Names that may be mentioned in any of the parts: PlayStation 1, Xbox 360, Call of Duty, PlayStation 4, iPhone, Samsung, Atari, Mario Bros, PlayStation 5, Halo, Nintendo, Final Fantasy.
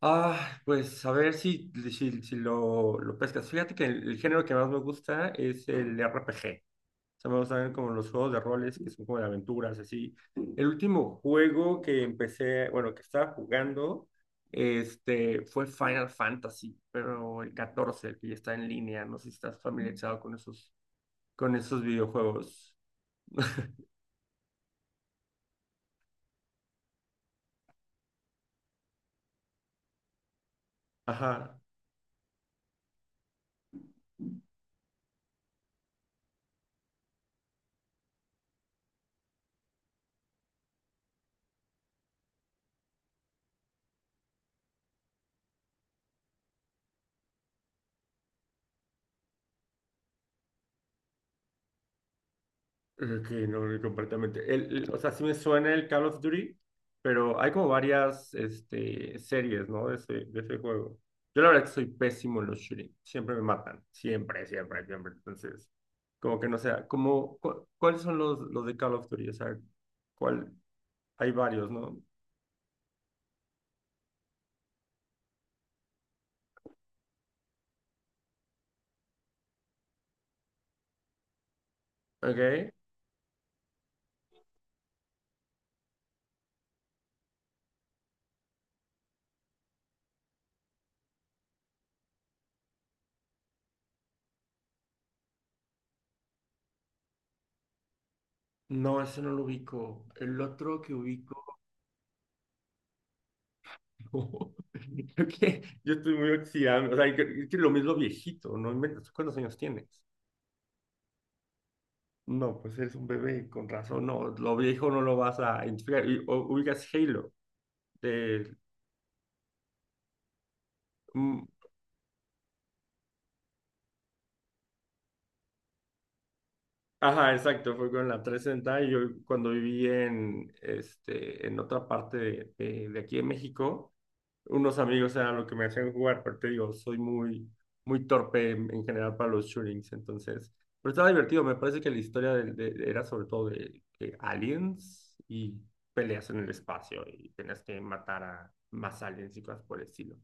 Ah, pues a ver si lo pescas. Fíjate que el género que más me gusta es el RPG. O sea, me gustan como los juegos de roles que son como de aventuras, así. El último juego que empecé, bueno, que estaba jugando, fue Final Fantasy, pero el 14, el que ya está en línea. No sé si estás familiarizado con esos videojuegos. Ajá. Que no, no, completamente. O sea, sí me suena el Call of Duty, pero hay como varias series, ¿no? De ese juego. Yo la verdad que soy pésimo en los shooting. Siempre me matan. Siempre, siempre, siempre. Entonces, como que no sé, como, ¿cuáles son los de Call of Duty? O sea, ¿cuál? Hay varios, ¿no? Ok. No, ese no lo ubico. El otro que ubico. Creo que yo estoy muy oxidado. O sea, es que lo mismo viejito, ¿no? Inventes. ¿Cuántos años tienes? No, pues eres un bebé, con razón, no, lo viejo no lo vas a identificar. Ubicas Halo, de... Mm. Ajá, exacto, fue con la 360 y yo cuando viví en, en otra parte de aquí de México, unos amigos eran lo que me hacían jugar, pero te digo, soy muy, muy torpe en general para los shootings, entonces, pero estaba divertido, me parece que la historia era sobre todo de aliens y peleas en el espacio y tenías que matar a más aliens y cosas por el estilo.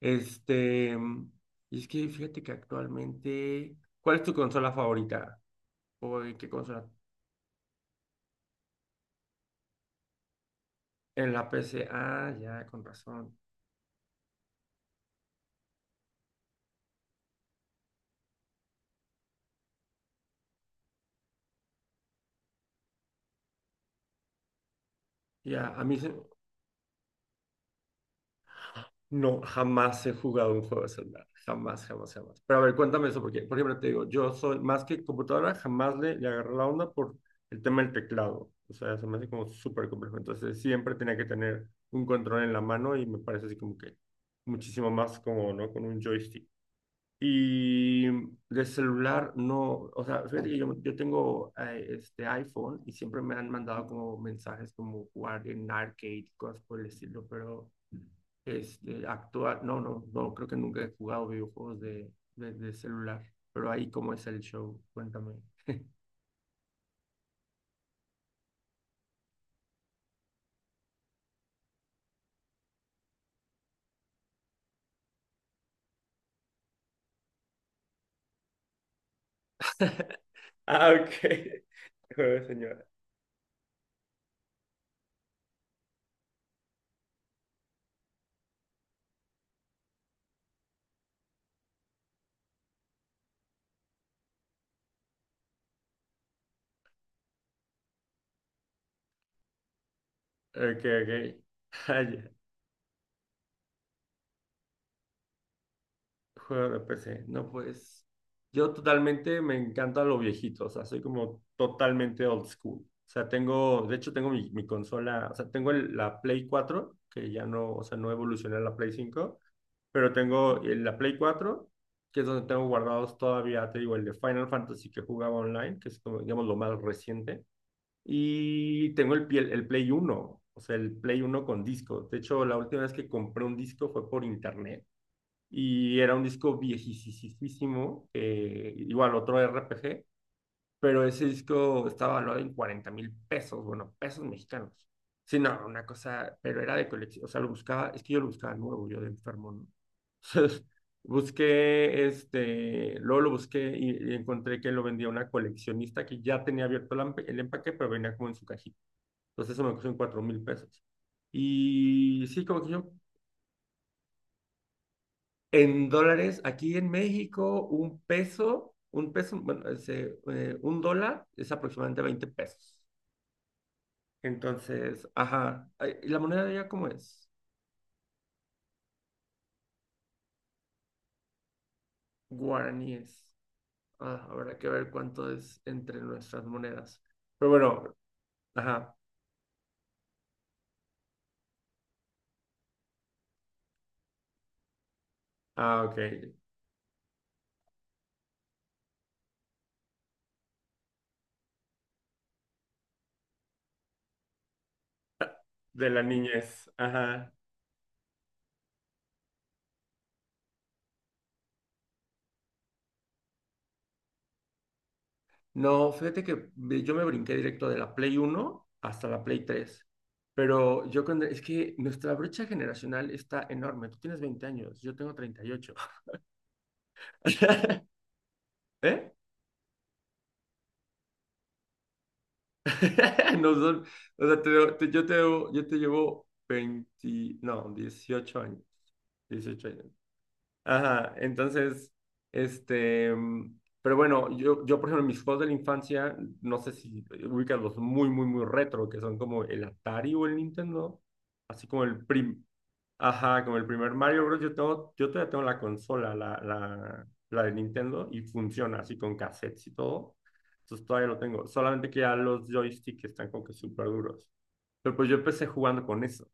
Este, mm, y es que fíjate que actualmente, ¿cuál es tu consola favorita? ¿O en qué consola? En la PC. Ah, ya, con razón. Ya, a mí se- no, jamás he jugado un juego de celular. Jamás, jamás, jamás. Pero a ver, cuéntame eso, porque, por ejemplo, te digo, yo soy más que computadora, jamás le agarré la onda por el tema del teclado. O sea, se me hace como súper complejo. Entonces, siempre tenía que tener un control en la mano y me parece así como que muchísimo más como, ¿no? Con un joystick. Y de celular no, o sea, fíjate que yo tengo este iPhone y siempre me han mandado como mensajes como jugar en arcade, cosas por el estilo, pero actual, no, creo que nunca he jugado videojuegos de celular, pero ahí cómo es el show, cuéntame. Ah, ok. Juego, señora. Ok, ok. Ah, ya. Juego de PC. No, pues yo totalmente me encanta lo viejito, o sea, soy como totalmente old school. O sea, tengo, de hecho tengo mi consola, o sea, tengo la Play 4 que ya no, o sea, no evolucioné a la Play 5, pero tengo la Play 4 que es donde tengo guardados todavía, te digo, el de Final Fantasy que jugaba online, que es como, digamos, lo más reciente. Y tengo el Play 1, o sea, el Play 1 con disco. De hecho, la última vez que compré un disco fue por internet y era un disco viejísimo, igual otro RPG, pero ese disco estaba valuado en 40.000 pesos, bueno, pesos mexicanos. Sí, no, una cosa, pero era de colección, o sea, lo buscaba, es que yo lo buscaba nuevo, yo de enfermo, ¿no? Entonces, busqué, luego lo busqué y encontré que lo vendía una coleccionista que ya tenía abierto el empaque, pero venía como en su cajita. Entonces eso me costó en 4.000 pesos. Y sí, como que yo, en dólares, aquí en México, un peso, bueno, un dólar es aproximadamente 20 pesos. Entonces, ajá, ay, ¿y la moneda de allá cómo es? Guaraníes. Ah, habrá que ver cuánto es entre nuestras monedas. Pero bueno, ajá, ah, ok, de la niñez. Ajá. No, fíjate que yo me brinqué directo de la Play 1 hasta la Play 3. Pero yo cuando, es que nuestra brecha generacional está enorme. Tú tienes 20 años, yo tengo 38. ¿Eh? Nos don- o sea, yo te llevo 20, no, 18 años. 18 años. Ajá, entonces, pero bueno, yo por ejemplo, mis juegos de la infancia, no sé si ubicas los muy, muy, muy retro, que son como el Atari o el Nintendo, así como el ajá, como el primer Mario Bros. Yo tengo, yo todavía tengo la consola, la de Nintendo, y funciona así con cassettes y todo, entonces todavía lo tengo, solamente que ya los joysticks están como que súper duros, pero pues yo empecé jugando con eso.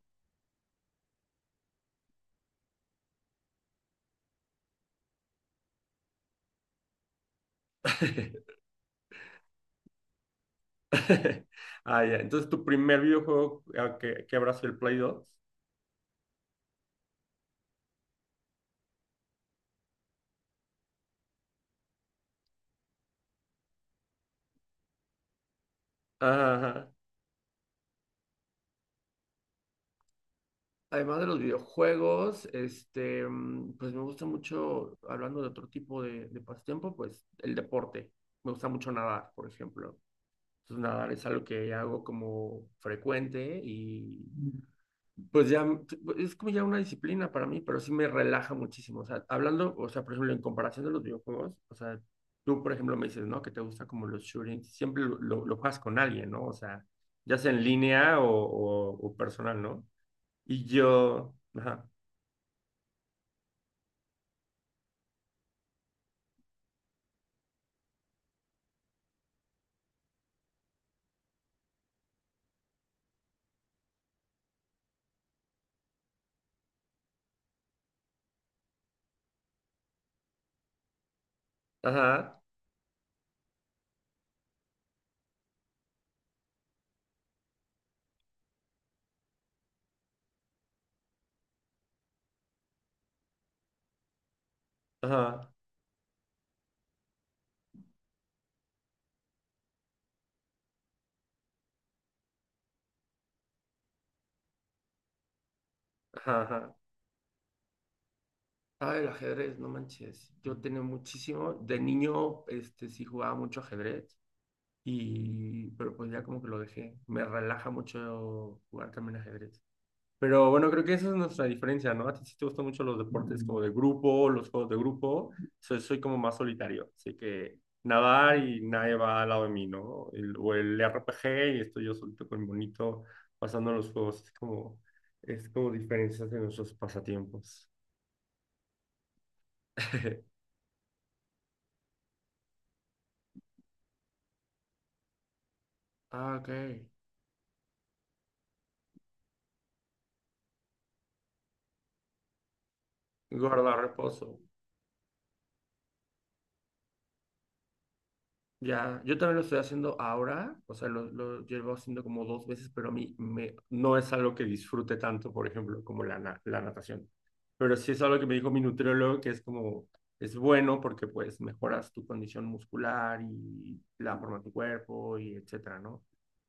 Ah, ya. Entonces, tu primer videojuego que habrá sido el Play 2. Ajá, ajá. Además de los videojuegos, pues me gusta mucho, hablando de otro tipo de pasatiempo, pues el deporte. Me gusta mucho nadar, por ejemplo. Entonces, nadar es algo que hago como frecuente y, pues ya, es como ya una disciplina para mí, pero sí me relaja muchísimo. O sea, hablando, o sea, por ejemplo, en comparación de los videojuegos, o sea, tú, por ejemplo, me dices, ¿no? Que te gusta como los shootings, siempre lo juegas con alguien, ¿no? O sea, ya sea en línea o personal, ¿no? Y yo, ajá, ajá, ajá, ajá, ajá. Ah, el ajedrez, no manches. Yo tenía muchísimo, de niño, sí jugaba mucho ajedrez. Y, pero pues ya como que lo dejé. Me relaja mucho jugar también ajedrez. Pero bueno, creo que esa es nuestra diferencia, ¿no? A ti sí te gustan mucho los deportes como de grupo, los juegos de grupo. Soy como más solitario, así que nadar y nadie va al lado de mí, ¿no? O el RPG y estoy yo solito con mi monito pasando los juegos. Es como diferencias de nuestros pasatiempos. Ah, ok. Guarda reposo. Ya, yo también lo estoy haciendo ahora, o sea, lo llevo haciendo como 2 veces, pero a mí me, no es algo que disfrute tanto, por ejemplo, como la natación. Pero sí es algo que me dijo mi nutriólogo, que es como, es bueno porque pues mejoras tu condición muscular y la forma de tu cuerpo y etcétera, ¿no?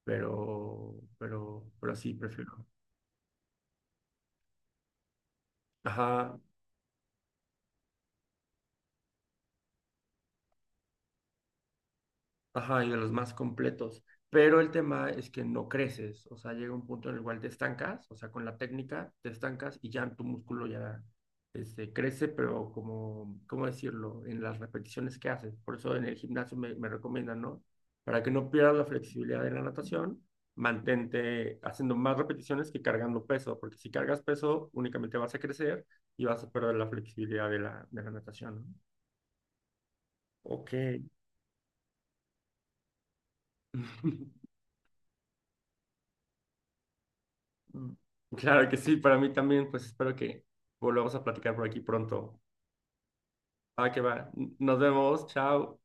Pero sí, prefiero. Ajá, ajá, y de los más completos. Pero el tema es que no creces, o sea, llega un punto en el cual te estancas, o sea, con la técnica te estancas y ya tu músculo ya crece, pero como, ¿cómo decirlo? En las repeticiones que haces. Por eso en el gimnasio me recomiendan, ¿no? Para que no pierdas la flexibilidad de la natación, mantente haciendo más repeticiones que cargando peso, porque si cargas peso únicamente vas a crecer y vas a perder la flexibilidad de de la natación, ¿no? Ok. Mm. Claro que sí, para mí también, pues espero que volvamos a platicar por aquí pronto. Ah, que va. Nos vemos, chao.